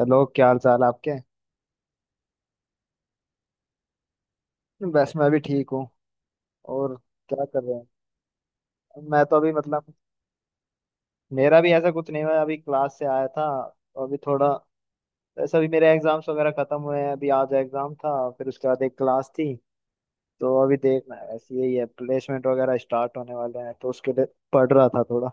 Hello, क्या हाल चाल आपके। बस मैं भी ठीक हूँ। और क्या कर रहे हैं। मैं तो अभी मतलब मेरा भी ऐसा कुछ नहीं हुआ है। अभी क्लास से आया था तो अभी थोड़ा वैसे अभी मेरे एग्जाम्स वगैरह खत्म हुए हैं। अभी आज एग्जाम था फिर उसके बाद एक क्लास थी, तो अभी देखना है। बस यही है, प्लेसमेंट वगैरह स्टार्ट होने वाले हैं तो उसके लिए पढ़ रहा था थोड़ा।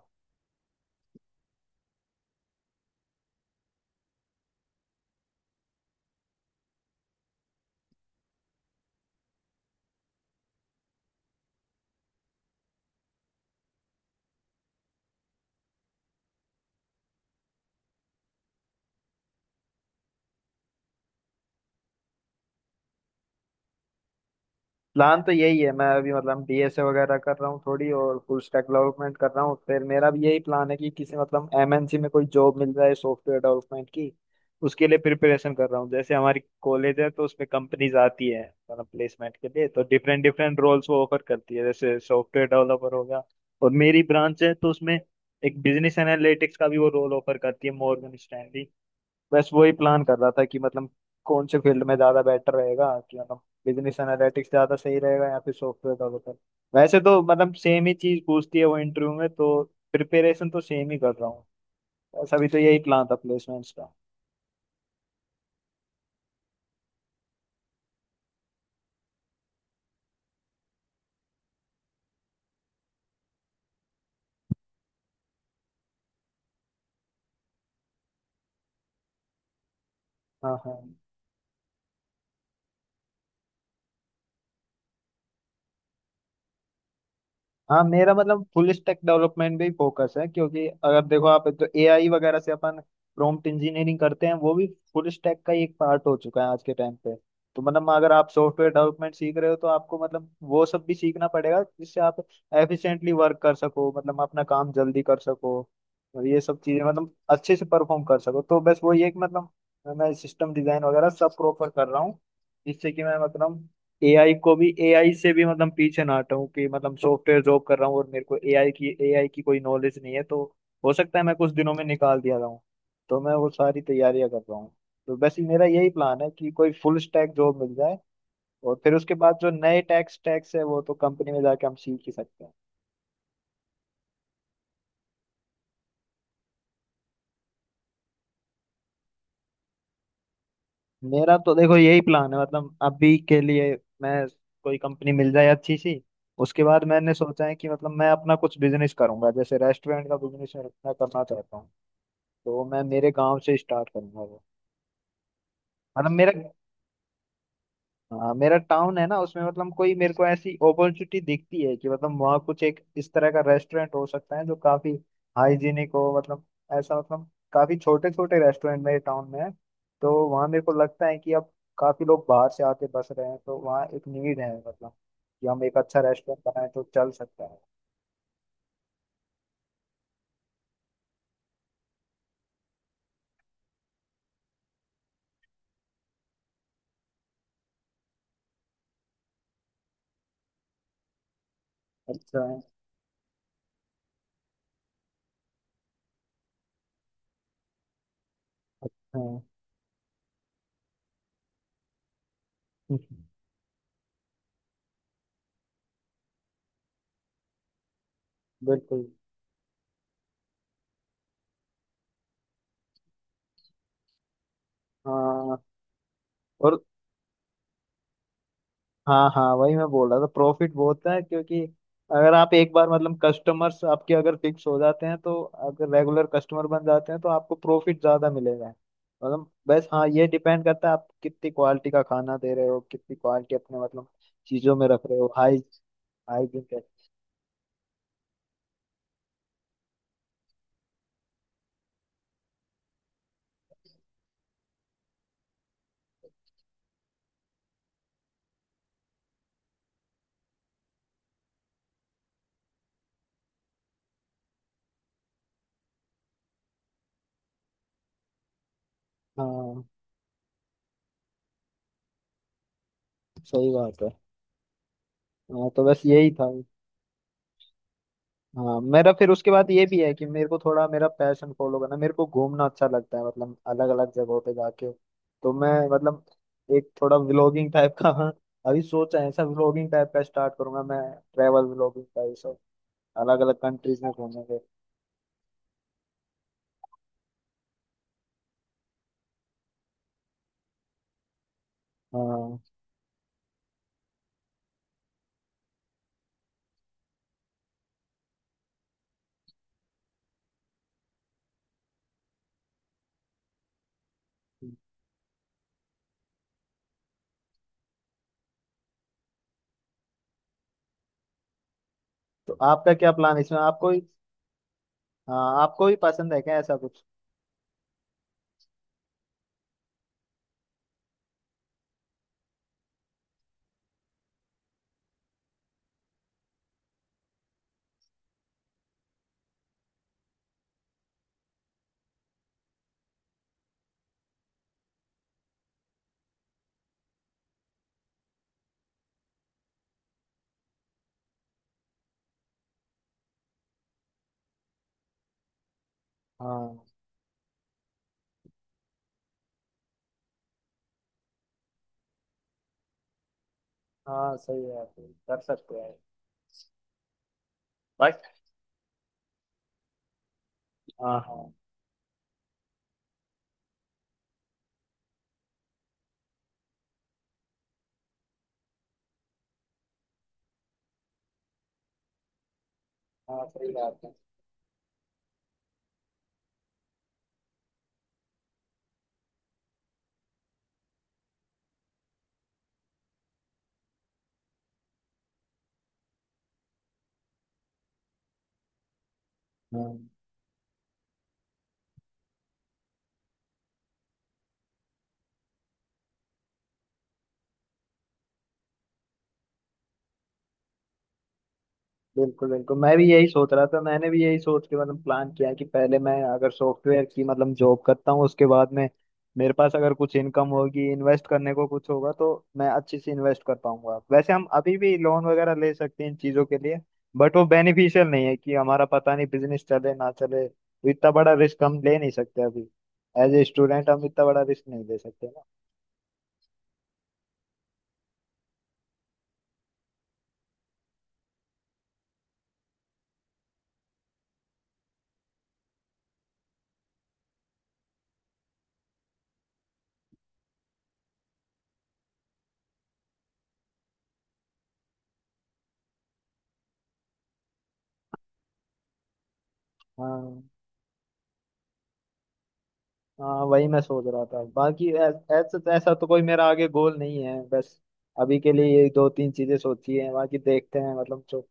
प्लान तो यही है, मैं अभी मतलब डीएसए वगैरह कर रहा हूँ थोड़ी और फुल स्टैक डेवलपमेंट कर रहा हूँ। फिर मेरा भी यही प्लान है कि किसी मतलब एमएनसी में कोई जॉब मिल जाए सॉफ्टवेयर डेवलपमेंट की। उसके लिए प्रिपरेशन कर रहा हूँ। जैसे हमारी कॉलेज है तो उसमें कंपनीज आती है मतलब प्लेसमेंट के लिए, तो डिफरेंट डिफरेंट रोल्स वो ऑफर करती है, जैसे सॉफ्टवेयर डेवलपर हो गया। और मेरी ब्रांच है तो उसमें एक बिजनेस एनालिटिक्स का भी वो रोल ऑफर करती है, मॉर्गन स्टैनली। बस वही प्लान कर रहा था कि मतलब कौन से फील्ड में ज्यादा बेटर रहेगा, कि मतलब बिजनेस एनालिटिक्स ज्यादा सही रहेगा या फिर सॉफ्टवेयर डेवलपर। वैसे तो मतलब सेम ही चीज पूछती है वो इंटरव्यू में, तो प्रिपरेशन तो सेम ही कर रहा हूँ। ऐसा भी तो यही प्लान था प्लेसमेंट्स का। हाँ, हाँ। हाँ मेरा मतलब फुल स्टैक डेवलपमेंट भी फोकस है, क्योंकि अगर देखो आप तो एआई वगैरह से अपन प्रॉम्प्ट इंजीनियरिंग करते हैं, वो भी फुल स्टैक का ही एक पार्ट हो चुका है आज के टाइम पे। तो मतलब अगर आप सॉफ्टवेयर डेवलपमेंट सीख रहे हो तो आपको मतलब वो सब भी सीखना पड़ेगा जिससे आप एफिशिएंटली वर्क कर सको, मतलब अपना काम जल्दी कर सको और ये सब चीजें मतलब अच्छे से परफॉर्म कर सको। तो बस वो ये कि मतलब मैं सिस्टम डिजाइन वगैरह सब प्रॉपर कर रहा हूँ, जिससे कि मैं मतलब एआई से भी मतलब पीछे ना हटाऊं, कि मतलब सॉफ्टवेयर जॉब कर रहा हूँ और मेरे को एआई की कोई नॉलेज नहीं है तो हो सकता है मैं कुछ दिनों में निकाल दिया जाऊँ। तो मैं वो सारी तैयारियां कर रहा हूँ। तो बस मेरा यही प्लान है कि कोई फुल स्टैक जॉब मिल जाए और फिर उसके बाद जो नए टैक्स स्टैक्स है वो तो कंपनी में जाके हम सीख ही सकते हैं। मेरा तो देखो यही प्लान है, मतलब अभी के लिए मैं कोई कंपनी मिल जाए अच्छी सी। उसके बाद मैंने सोचा है कि मतलब मैं अपना कुछ बिजनेस करूंगा, जैसे रेस्टोरेंट का बिजनेस मैं करना चाहता हूँ। तो मैं मेरे गांव से स्टार्ट करूंगा वो, मतलब मेरा, हाँ, मेरा टाउन है ना उसमें, मतलब कोई मेरे को ऐसी अपॉर्चुनिटी दिखती है कि मतलब वहाँ कुछ एक इस तरह का रेस्टोरेंट हो सकता है जो काफी हाइजीनिक हो, मतलब ऐसा मतलब काफी छोटे छोटे रेस्टोरेंट मेरे टाउन में है। तो वहाँ मेरे को लगता है कि अब काफी लोग बाहर से आके बस रहे हैं तो वहाँ एक नीड है, मतलब कि हम एक अच्छा रेस्टोरेंट बनाए तो चल सकता है। अच्छा है। अच्छा है। बिल्कुल। हाँ। और हाँ, हाँ वही मैं बोल रहा था, प्रॉफिट बहुत है, क्योंकि अगर आप एक बार मतलब कस्टमर्स आपके अगर फिक्स हो जाते हैं तो, अगर रेगुलर कस्टमर बन जाते हैं तो आपको प्रॉफिट ज्यादा मिलेगा। मतलब बस हाँ, ये डिपेंड करता है आप कितनी क्वालिटी का खाना दे रहे हो, कितनी क्वालिटी अपने मतलब चीजों में रख रहे हो, हाई हाइजीन कैसे। हाँ सही बात है। हाँ तो बस यही था। हाँ मेरा फिर उसके बाद ये भी है कि मेरे को थोड़ा मेरा पैशन फॉलो करना, मेरे को घूमना अच्छा लगता है मतलब अलग अलग जगहों पे जाके। तो मैं मतलब एक थोड़ा व्लॉगिंग टाइप का अभी सोचा है, ऐसा व्लॉगिंग टाइप का स्टार्ट करूंगा मैं, ट्रैवल व्लॉगिंग का ये सब। अलग अलग कंट्रीज में घूमेंगे। हाँ तो आपका क्या प्लान है इसमें, आपको ही? हाँ आपको ही पसंद है क्या ऐसा कुछ? हाँ। हाँ सही है, आप कर सकते हैं। बस। हाँ, हाँ। हाँ सही बात है। हाँ बिल्कुल, बिल्कुल मैं भी यही सोच रहा था। मैंने भी यही सोच के मतलब प्लान किया कि पहले मैं अगर सॉफ्टवेयर की मतलब जॉब करता हूँ, उसके बाद में मेरे पास अगर कुछ इनकम होगी, इन्वेस्ट करने को कुछ होगा तो मैं अच्छे से इन्वेस्ट कर पाऊंगा। वैसे हम अभी भी लोन वगैरह ले सकते हैं इन चीजों के लिए, बट वो बेनिफिशियल नहीं है कि हमारा पता नहीं बिजनेस चले ना चले, तो इतना बड़ा रिस्क हम ले नहीं सकते अभी। एज ए स्टूडेंट हम इतना बड़ा रिस्क नहीं ले सकते ना। हाँ, हाँ वही मैं सोच रहा था। बाकी ऐसा ऐसा तो कोई मेरा आगे गोल नहीं है। बस अभी के लिए ये दो तीन चीजें सोची हैं, बाकी देखते हैं, मतलब जो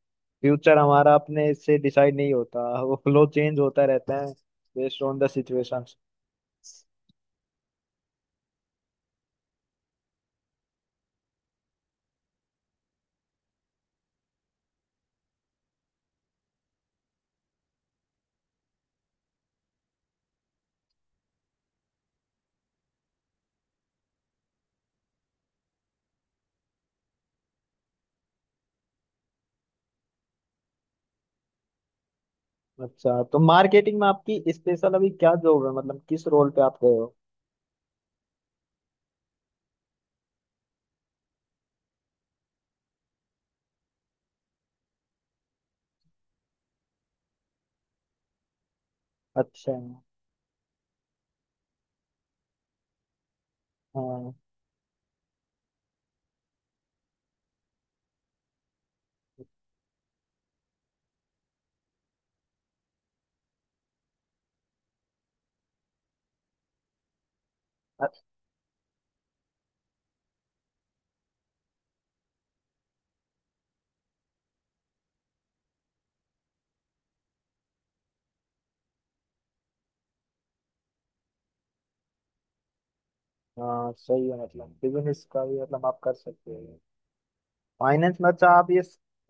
फ्यूचर हमारा अपने से डिसाइड नहीं होता, वो फ्लो चेंज होता रहता है, बेस्ड ऑन द सिचुएशन। अच्छा तो मार्केटिंग में आपकी स्पेशल अभी क्या जॉब है, मतलब किस रोल पे आप गए हो? अच्छा। हाँ अ- हाँ सही है, मतलब बिजनेस का भी मतलब आप कर सकते हो। फाइनेंस में अच्छा। आप ये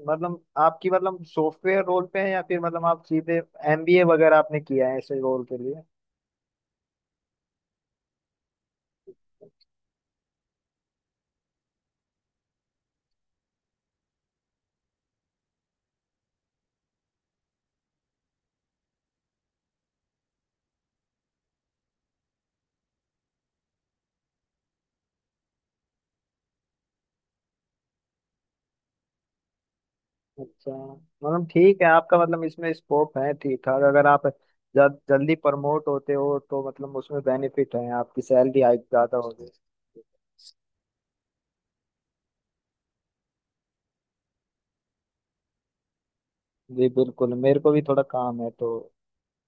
मतलब आपकी मतलब सॉफ्टवेयर रोल पे है या फिर मतलब आप सीधे एमबीए वगैरह आपने किया है ऐसे रोल के लिए? अच्छा। मतलब ठीक है आपका मतलब इसमें स्कोप है ठीक ठाक। अगर आप जल्दी प्रमोट होते हो तो मतलब उसमें बेनिफिट है, आपकी सैलरी हाइक ज्यादा होगी। जी बिल्कुल, मेरे को भी थोड़ा काम है तो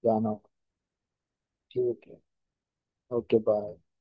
जाना होगा। ठीक है। Okay, bye.